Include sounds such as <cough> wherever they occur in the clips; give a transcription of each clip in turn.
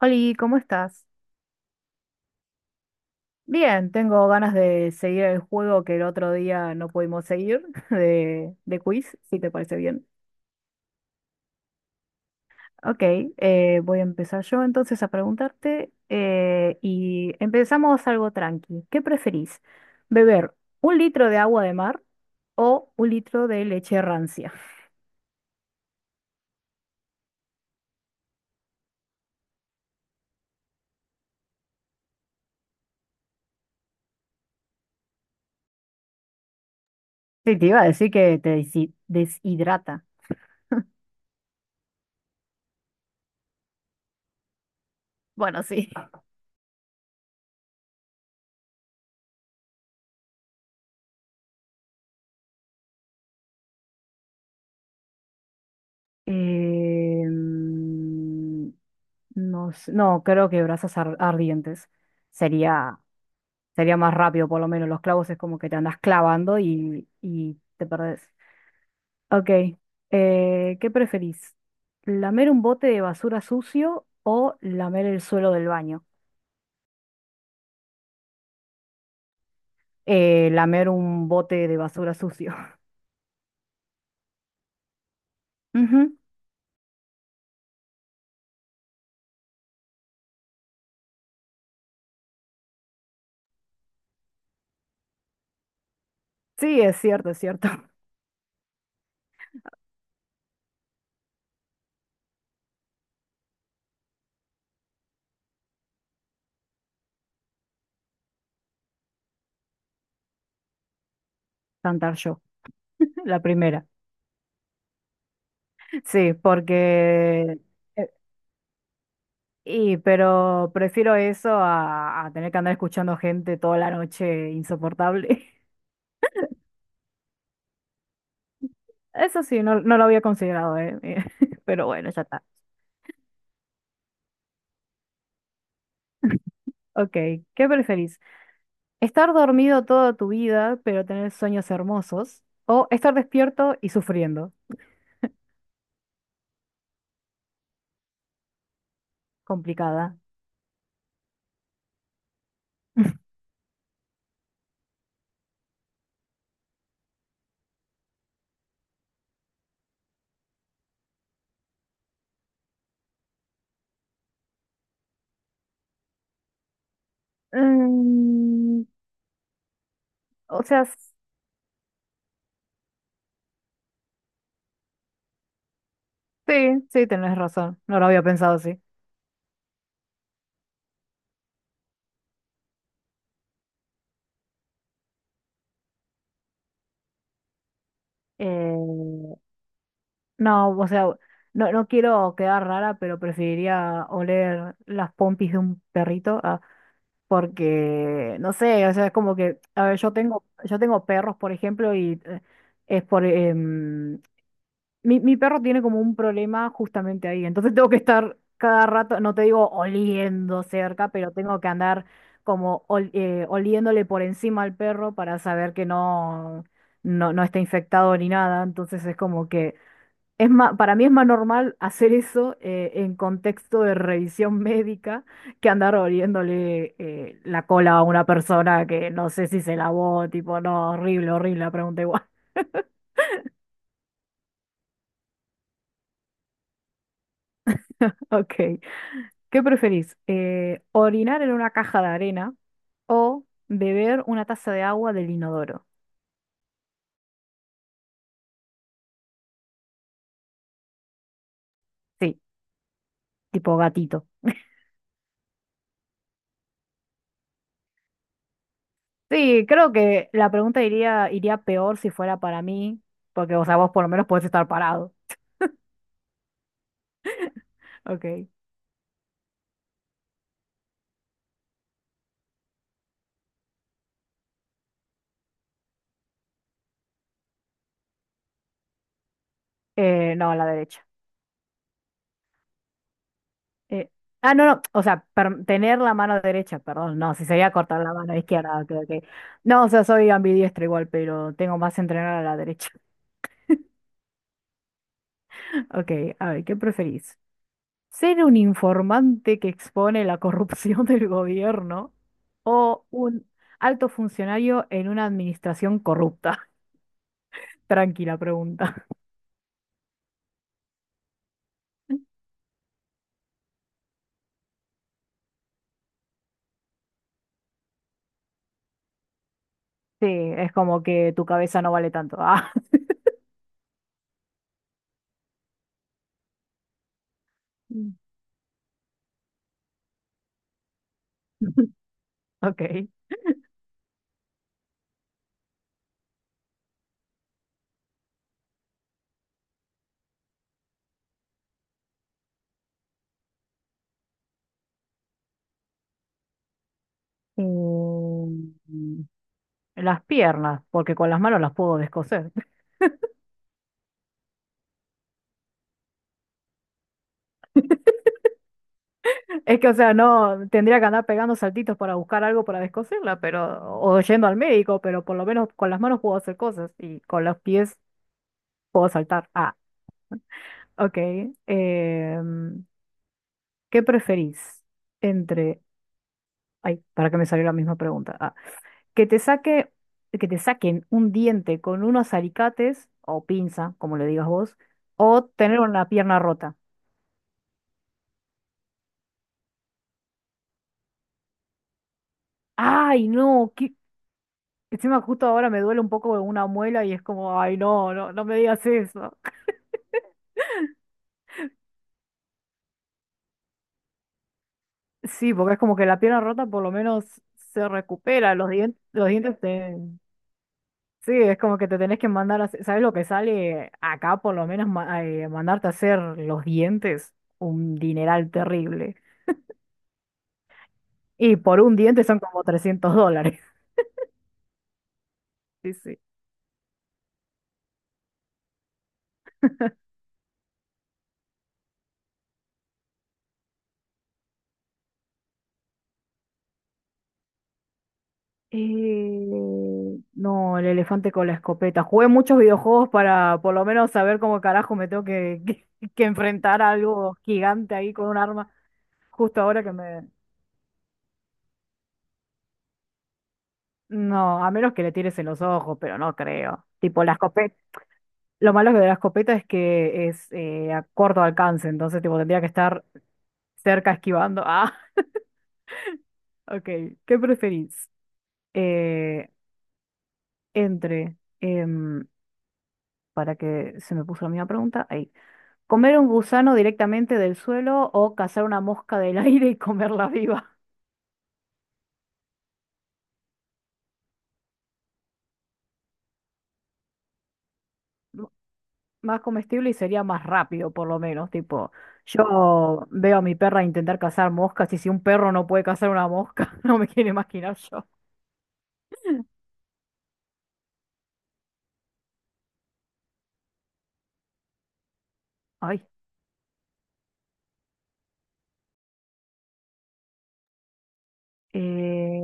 Oli, ¿cómo estás? Bien, tengo ganas de seguir el juego que el otro día no pudimos seguir <laughs> de quiz, si te parece bien. Ok, voy a empezar yo entonces a preguntarte y empezamos algo tranqui. ¿Qué preferís? ¿Beber un litro de agua de mar o un litro de leche rancia? <laughs> Sí, te iba a decir que te deshidrata. Bueno, sí. <laughs> Em, No, no, creo que brasas ardientes sería, sería más rápido, por lo menos. Los clavos es como que te andas clavando y te perdés. Ok, ¿qué preferís? ¿Lamer un bote de basura sucio o lamer el suelo del baño? Lamer un bote de basura sucio. <laughs> Ujú. Sí, es cierto, es cierto. <laughs> Cantar yo, <laughs> la primera. Sí, porque... eh, Y, pero prefiero eso a tener que andar escuchando gente toda la noche insoportable. <laughs> Eso sí, no, no lo había considerado, ¿eh? <laughs> Pero bueno, ya está. Ok, ¿qué preferís? ¿Estar dormido toda tu vida, pero tener sueños hermosos? ¿O estar despierto y sufriendo? Complicada. <laughs> Mm, o sea, sí, sí, tenés razón. No lo había pensado así. Eh, No, o sea, no, no quiero quedar rara, pero preferiría oler las pompis de un perrito, ah, porque, no sé, o sea, es como que, a ver, yo tengo perros, por ejemplo, y es por, mi perro tiene como un problema justamente ahí, entonces <laughs> tengo que estar cada rato, no te digo oliendo cerca, pero tengo que andar como oliéndole por encima al perro para saber que no, no, no está infectado ni nada, entonces es como que... Es para mí es más normal hacer eso en contexto de revisión médica que andar oliéndole la cola a una persona que no sé si se lavó, tipo, no, horrible, horrible, la pregunta igual. <laughs> Ok. ¿Qué preferís? ¿Orinar en una caja de arena o beber una taza de agua del inodoro? Sí, tipo gatito. Sí, creo que la pregunta iría peor si fuera para mí, porque, o sea, vos por lo menos podés estar parado. Ok. No, a la derecha. Eh, ah, no, no, o sea, tener la mano derecha, perdón, no, si sería cortar la mano izquierda, ok, ok. No, o sea, soy ambidiestro igual, pero tengo más entrenada a la derecha. <laughs> Ok, a ver, ¿qué preferís? ¿Ser un informante que expone la corrupción <laughs> del gobierno o un alto funcionario en una administración corrupta? <laughs> Tranquila pregunta. Sí, es como que tu cabeza no vale tanto. Ah, <laughs> ok. Eh, Las piernas, porque con las manos las puedo descoser. <laughs> Es que, o sea, no tendría que andar pegando saltitos para buscar algo para descoserla, pero, o yendo al médico, pero por lo menos con las manos puedo hacer cosas y con los pies puedo saltar. Ah, ok. em, ¿qué preferís entre, ay, para que me salió la misma pregunta? Ah, que te saque, que te saquen un diente con unos alicates o pinza, como le digas vos, o tener una pierna rota. Ay, no, qué, encima justo ahora me duele un poco una muela y es como, ay, no, no, no me digas eso. Sí, porque es como que la pierna rota por lo menos se recupera, los dientes te... Sí, es como que te tenés que mandar a... ¿Sabes lo que sale acá por lo menos mandarte a hacer los dientes? Un dineral terrible. Y por un diente son como $300. <laughs> No, el elefante con la escopeta. Jugué muchos videojuegos para por lo menos saber cómo carajo me tengo que, <laughs> que enfrentar a algo gigante ahí con un arma. Justo ahora que me... No, a menos que le tires en los ojos, pero no creo. Tipo, la escopeta... Lo malo de la escopeta es que es a corto alcance, entonces tipo, tendría que estar cerca esquivando. <laughs> Ah, ok. ¿Qué preferís? Eh, entre... em, para que se me puso la misma pregunta. Ahí. ¿Comer un gusano directamente del suelo o cazar una mosca del <laughs> aire y comerla viva? M- Más comestible y sería más rápido, por lo menos. Tipo, yo veo a mi perra intentar cazar moscas y si un perro no puede cazar una mosca, <laughs> no me quiero imaginar yo. Ay, eh,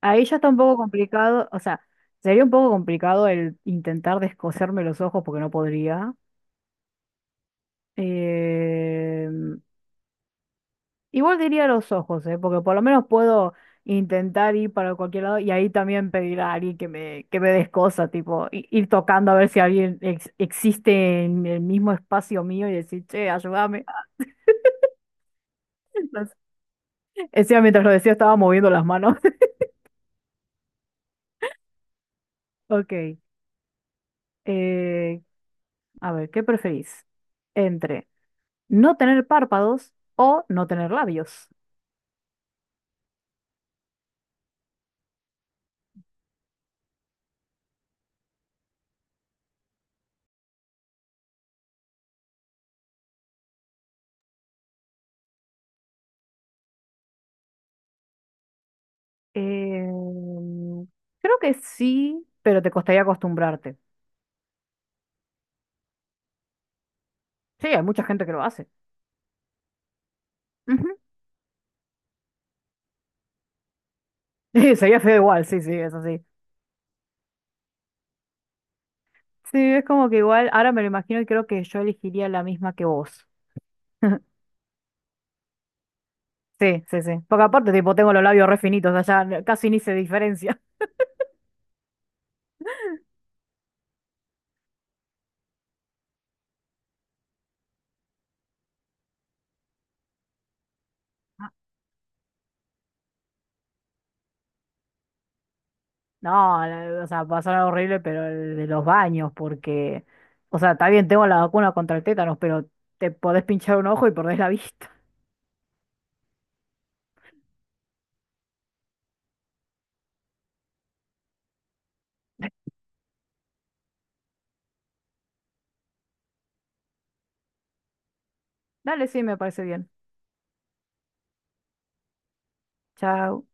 ahí ya está un poco complicado, o sea, sería un poco complicado el intentar descoserme los ojos porque no podría. Em, Igual diría los ojos, ¿eh? Porque por lo menos puedo intentar ir para cualquier lado y ahí también pedir a alguien que me des cosas, tipo, ir tocando a ver si alguien existe en el mismo espacio mío y decir, che, ayúdame. <laughs> No sé. Encima, mientras lo decía, estaba moviendo las manos. <laughs> Ok, eh, a ver, ¿qué preferís? Entre no tener párpados o no tener labios. Em, creo que sí, pero te costaría acostumbrarte. Sí, hay mucha gente que lo hace. <laughs> sería feo igual, sí, sí, eso sí. Sí, es como que igual, ahora me lo imagino y creo que yo elegiría la misma que vos. <laughs> Sí, sí, sí. Porque aparte, tipo, tengo los labios re finitos, o sea, ya casi ni se diferencia. <laughs> No, o sea, va a sonar horrible, pero el de los baños, porque, o sea, está bien, tengo la vacuna contra el tétanos, pero te podés pinchar un ojo y perdés la vista. <laughs> Dale, sí, me parece bien. Chao.